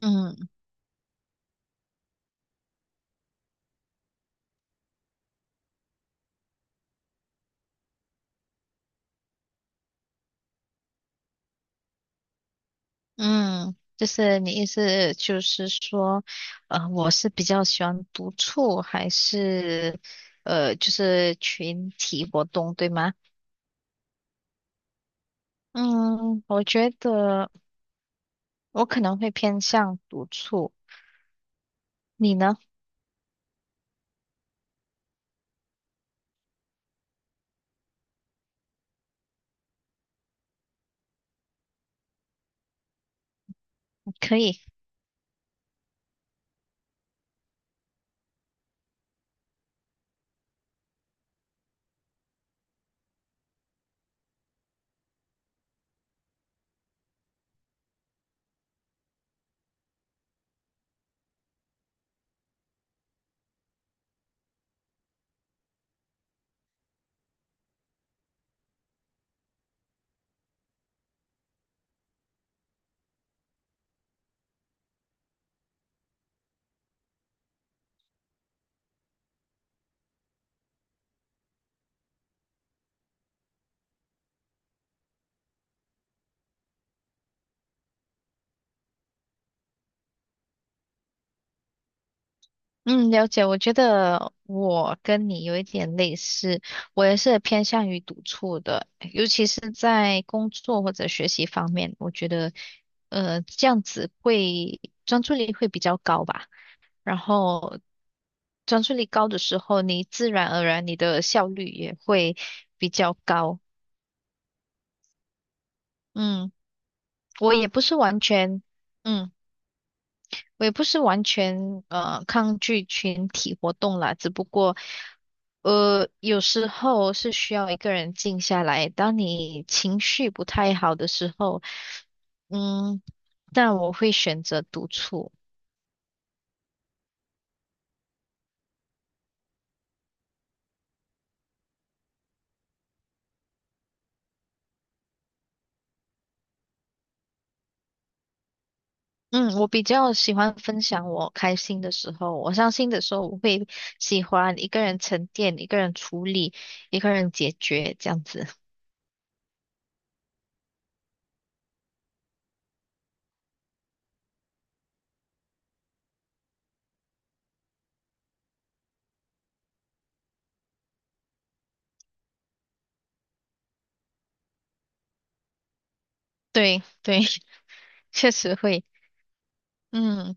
嗯嗯，就是你意思就是说，我是比较喜欢独处，还是就是群体活动，对吗？嗯，我觉得我可能会偏向独处，你呢？可以。嗯，了解。我觉得我跟你有一点类似，我也是偏向于独处的，尤其是在工作或者学习方面，我觉得，这样子会专注力会比较高吧。然后专注力高的时候，你自然而然你的效率也会比较高。嗯，我也不是完全，嗯。我也不是完全抗拒群体活动啦，只不过有时候是需要一个人静下来。当你情绪不太好的时候，嗯，但我会选择独处。嗯，我比较喜欢分享我开心的时候，我伤心的时候，我会喜欢一个人沉淀，一个人处理，一个人解决这样子。对对，确实会。嗯。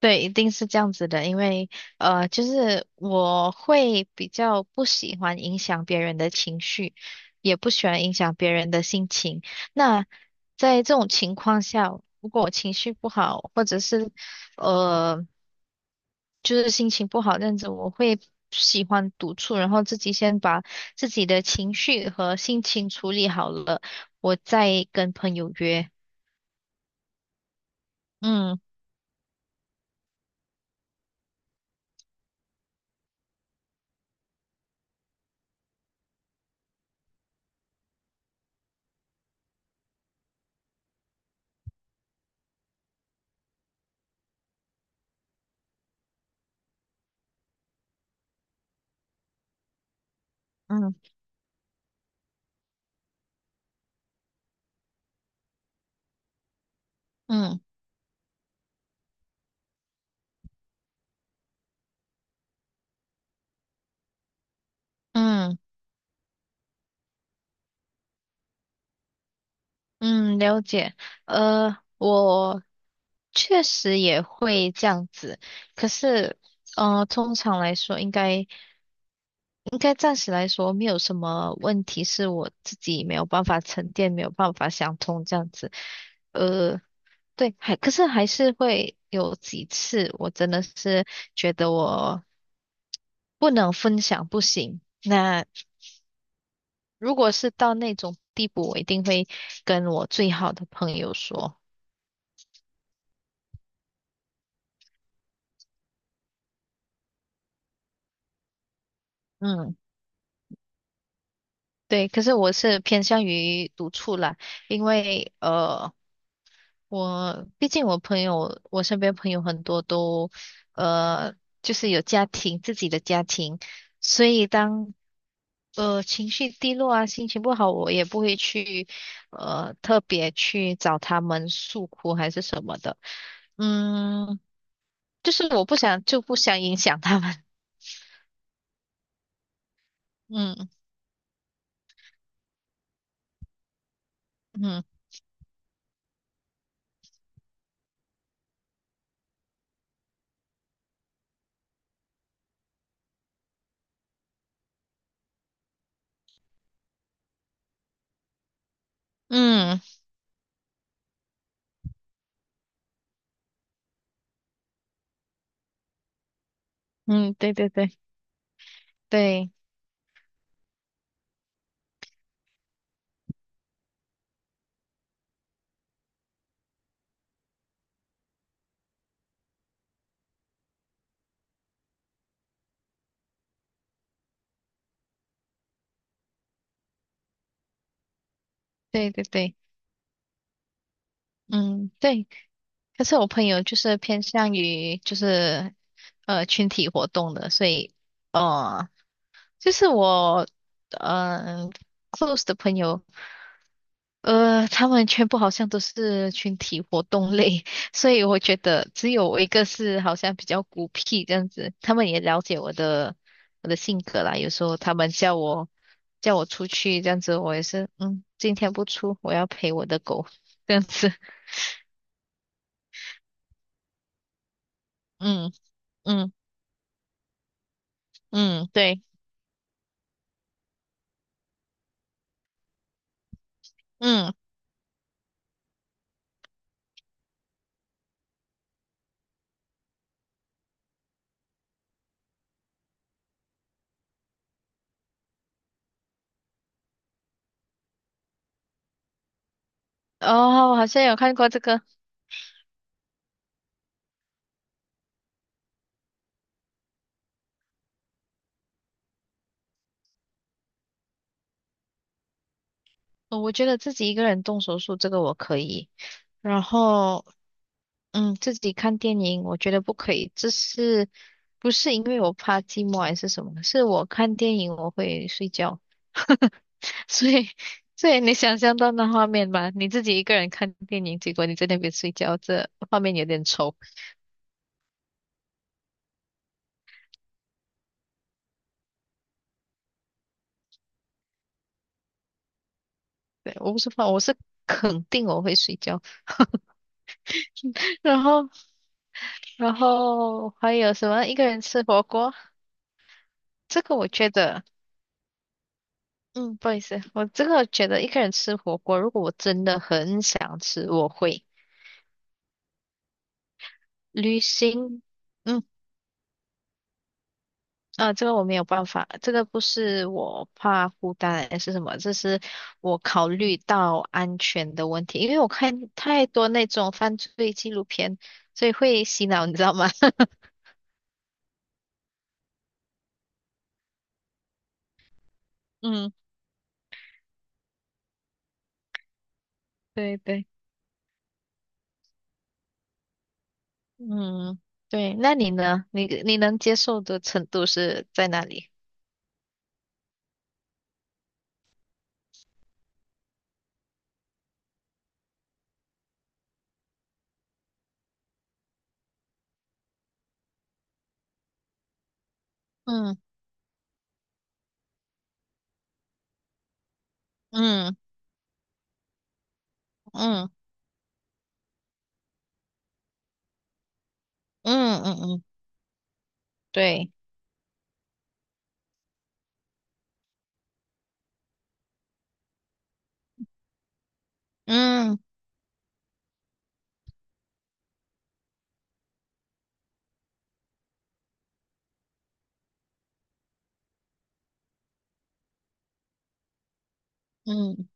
对，一定是这样子的，因为就是我会比较不喜欢影响别人的情绪，也不喜欢影响别人的心情。那在这种情况下，如果我情绪不好，或者是呃，就是心情不好那样子，我会喜欢独处，然后自己先把自己的情绪和心情处理好了，我再跟朋友约。嗯嗯嗯嗯。嗯，了解。我确实也会这样子，可是，通常来说，应该暂时来说没有什么问题，是我自己没有办法沉淀，没有办法想通这样子。呃，对，还可是还是会有几次，我真的是觉得我不能分享，不行。那如果是到那种地步，我一定会跟我最好的朋友说。嗯。对，可是我是偏向于独处啦，因为我毕竟我朋友，我身边朋友很多都呃，就是有家庭，自己的家庭，所以当情绪低落啊，心情不好，我也不会去特别去找他们诉苦还是什么的，嗯，我不想影响他们，嗯嗯嗯嗯，对对对对对对对，嗯对。可是我朋友就是偏向于就是群体活动的，所以呃就是我嗯、呃 close 的朋友，他们全部好像都是群体活动类，所以我觉得只有我一个是好像比较孤僻这样子，他们也了解我的我的性格啦，有时候他们叫我叫我出去这样子，我也是嗯今天不出，我要陪我的狗 这样子，嗯嗯嗯对。嗯，哦，我好像有看过这个。我觉得自己一个人动手术这个我可以，然后嗯，自己看电影我觉得不可以，这是不是因为我怕寂寞还是什么？是我看电影我会睡觉，所以所以你想象到那画面吧，你自己一个人看电影，结果你在那边睡觉，这画面有点丑。对，我不是怕，我是肯定我会睡觉。然后还有什么？一个人吃火锅。这个我觉得，嗯，不好意思，我这个觉得一个人吃火锅，如果我真的很想吃，我会旅行，嗯，啊，这个我没有办法，这个不是我怕孤单还是什么，这是我考虑到安全的问题，因为我看太多那种犯罪纪录片，所以会洗脑，你知道吗？嗯，对对，嗯，对，那你呢？你你能接受的程度是在哪里？嗯嗯嗯嗯嗯嗯嗯。对，嗯嗯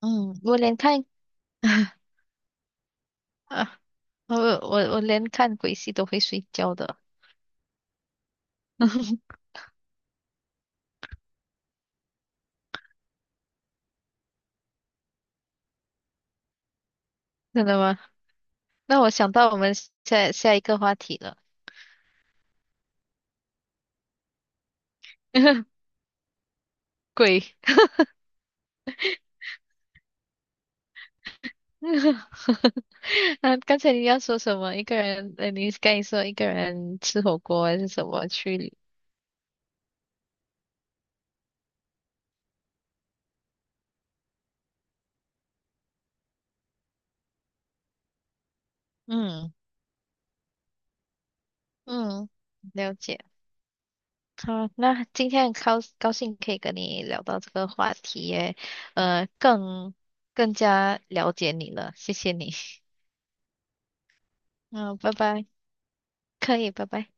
嗯，我连看 啊，我我连看鬼戏都会睡觉的，真的吗？那我想到我们下下一个话题了，鬼。啊，刚才你要说什么？一个人，你刚才说一个人吃火锅还是什么去？嗯嗯，了解。好，那今天很高高兴可以跟你聊到这个话题耶，更更加了解你了，谢谢你。嗯，拜拜，可以，拜拜。